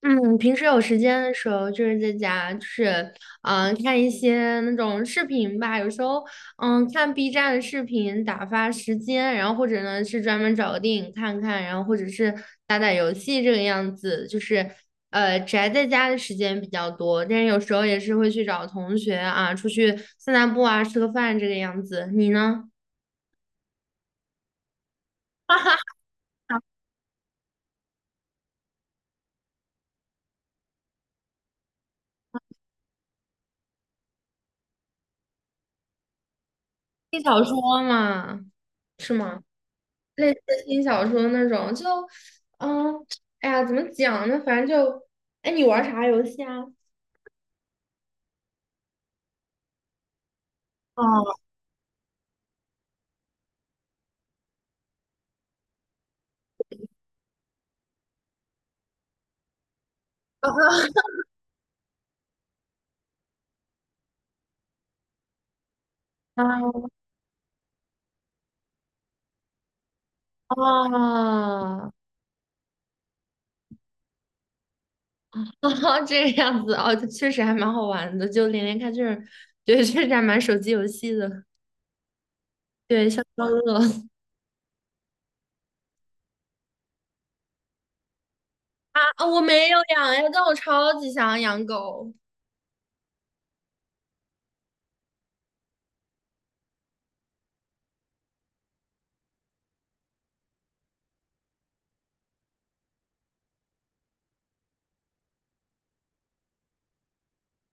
嗯，平时有时间的时候，就是在家，就是看一些那种视频吧。有时候，看 B 站的视频打发时间，然后或者呢是专门找个电影看看，然后或者是打打游戏这个样子。就是宅在家的时间比较多，但是有时候也是会去找同学啊，出去散散步啊，吃个饭这个样子。你呢？哈哈，你少说嘛，是吗？类似轻小说那种，就嗯，哎呀，怎么讲呢？反正就，哎，你玩啥游戏啊？哦啊啊！哦，这个样子哦，确实还蛮好玩的，就连连看这种，对，确实还蛮手机游戏的。对，消消乐。 啊，啊我没有养呀，但我超级想养狗。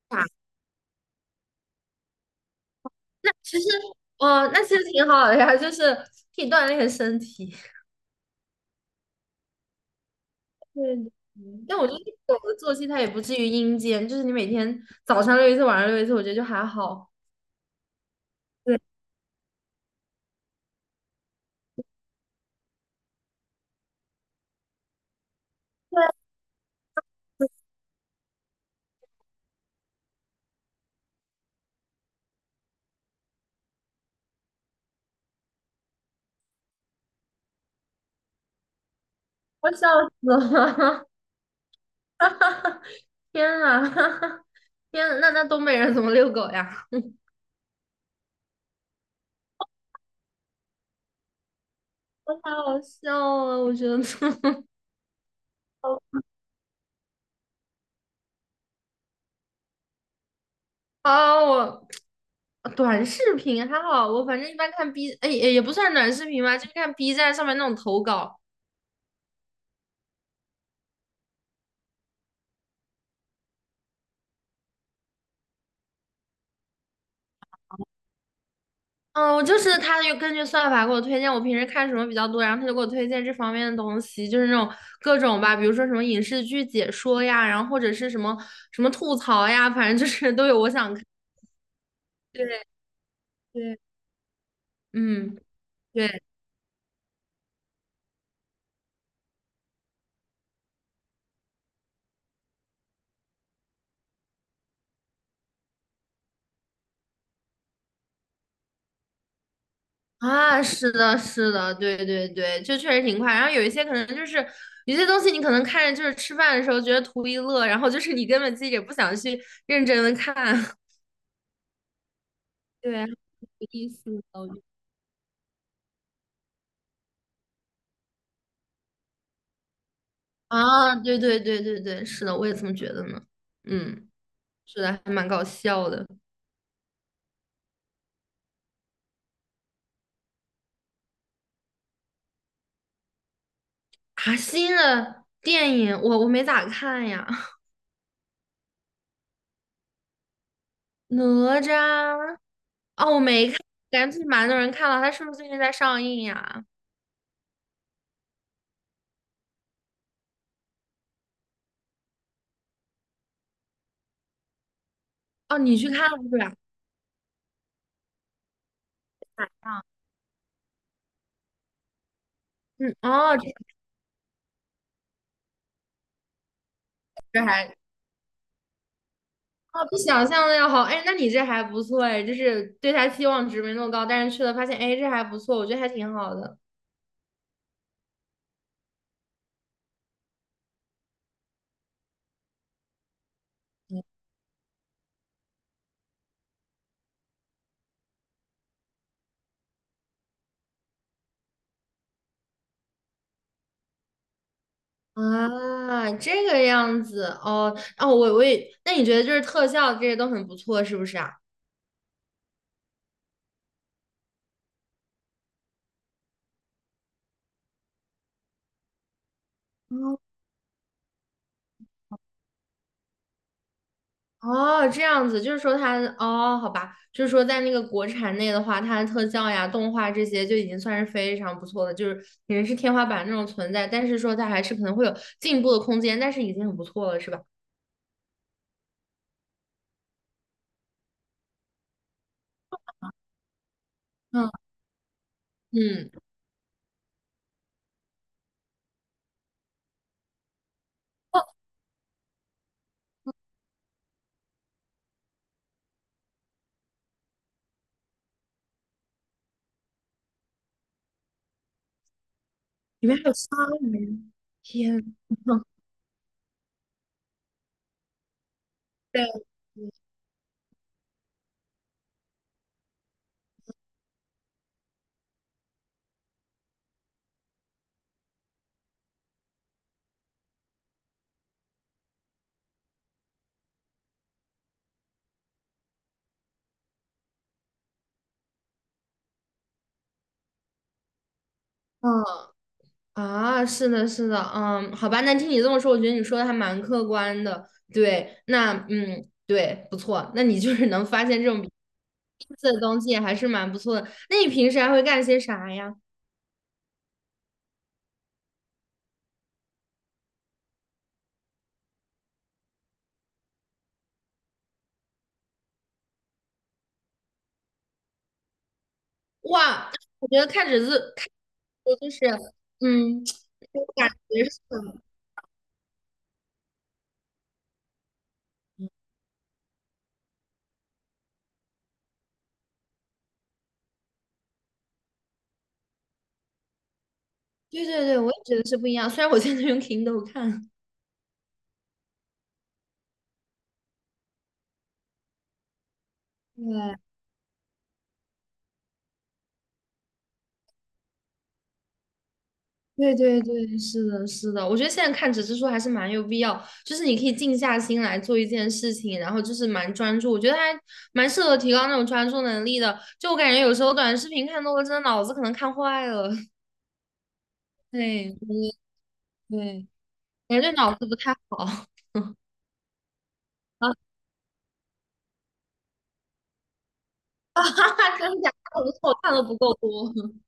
啊那其实，哦，那其实挺好的呀，就是可以锻炼身体。对的。但我觉得狗的作息它也不至于阴间，就是你每天早上遛一次，晚上遛一次，我觉得就还好。对，对我笑死了。天啊，天啊，那东北人怎么遛狗呀？我太好笑啊！我觉得。啊，我短视频还好，我反正一般看 B，哎也不算短视频吧，就是看 B 站上面那种投稿。嗯，我就是他就根据算法给我推荐我平时看什么比较多，然后他就给我推荐这方面的东西，就是那种各种吧，比如说什么影视剧解说呀，然后或者是什么什么吐槽呀，反正就是都有我想看。对对，嗯，对啊，是的，是的，对对对，就确实挺快。然后有一些可能就是有些东西你可能看着就是吃饭的时候觉得图一乐，然后就是你根本自己也不想去认真的看。对，挺有意思的。啊，对对对对对，是的，我也这么觉得呢。嗯，是的，还蛮搞笑的。啊，新的电影我没咋看呀。《哪吒》？哦，我没看，感觉最近蛮多人看了，他是不是最近在上映呀？哦，你去看了是吧？晚上。嗯，哦，这还哦比想象的要好。哎，那你这还不错哎，就是对他期望值没那么高，但是去了发现，哎，这还不错，我觉得还挺好的。啊，这个样子哦哦，我也，那你觉得就是特效这些都很不错，是不是啊？哦哦，这样子，就是说它哦，好吧，就是说在那个国产内的话，它的特效呀、动画这些就已经算是非常不错的，就是已经是天花板那种存在，但是说它还是可能会有进步的空间，但是已经很不错了，是吧？嗯嗯，里面还有鲨鱼，天。对。啊，是的，是的，嗯，好吧，那听你这么说，我觉得你说的还蛮客观的。对，那对，不错，那你就是能发现这种特色的东西，还是蛮不错的。那你平时还会干些啥呀？哇，我觉得看纸质，看着就是，嗯，我感觉是。对对对，我也觉得是不一样。虽然我现在用 Kindle 看，对。对对对，是的，是的，我觉得现在看纸质书还是蛮有必要，就是你可以静下心来做一件事情，然后就是蛮专注，我觉得还蛮适合提高那种专注能力的。就我感觉有时候短视频看多了，真的脑子可能看坏了。对对对，感觉对脑子不太好。啊，真的假的？我错我看的不够多。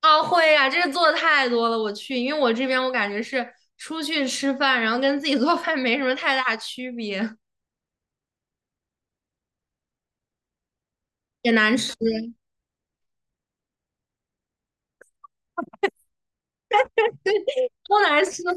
啊，会啊，这个做的太多了，我去，因为我这边我感觉是出去吃饭，然后跟自己做饭没什么太大区别，也难吃。都难吃哭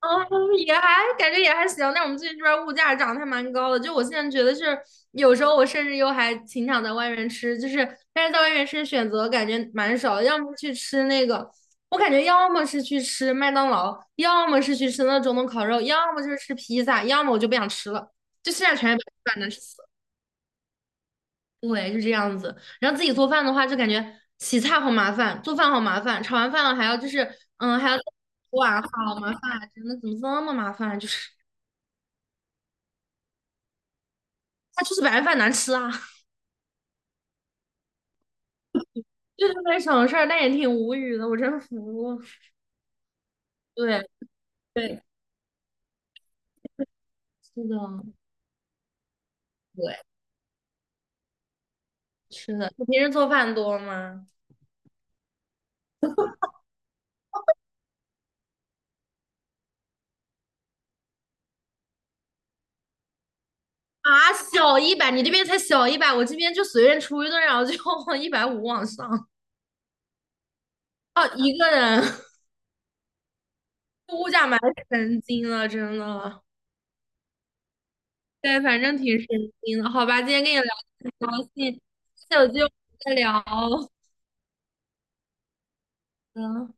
哦，也还感觉也还行，但我们最近这边儿物价涨的还蛮高的。就我现在觉得是，有时候我甚至又还挺想在外面吃，就是但是在外面吃选择感觉蛮少的要么去吃那个，我感觉要么是去吃麦当劳，要么是去吃那种东烤肉，要么就是吃披萨，要么我就不想吃了，就现在全是把难吃死了。对，就这样子。然后自己做饭的话，就感觉洗菜好麻烦，做饭好麻烦，炒完饭了还要就是，嗯，还要洗碗，好麻烦，真的怎么这么麻烦，就是。他就是白饭难吃啊。就这么省小事儿，但也挺无语的，我真服。对对，是的，对，是的。你平时做饭多吗？啊，小一百，你这边才小一百，我这边就随便出一顿，然后就 150往上。哦，一个人。物价蛮神经了，真的。对，反正挺神经的。好吧，今天跟你聊得很高兴，下次有机会我们再聊。嗯。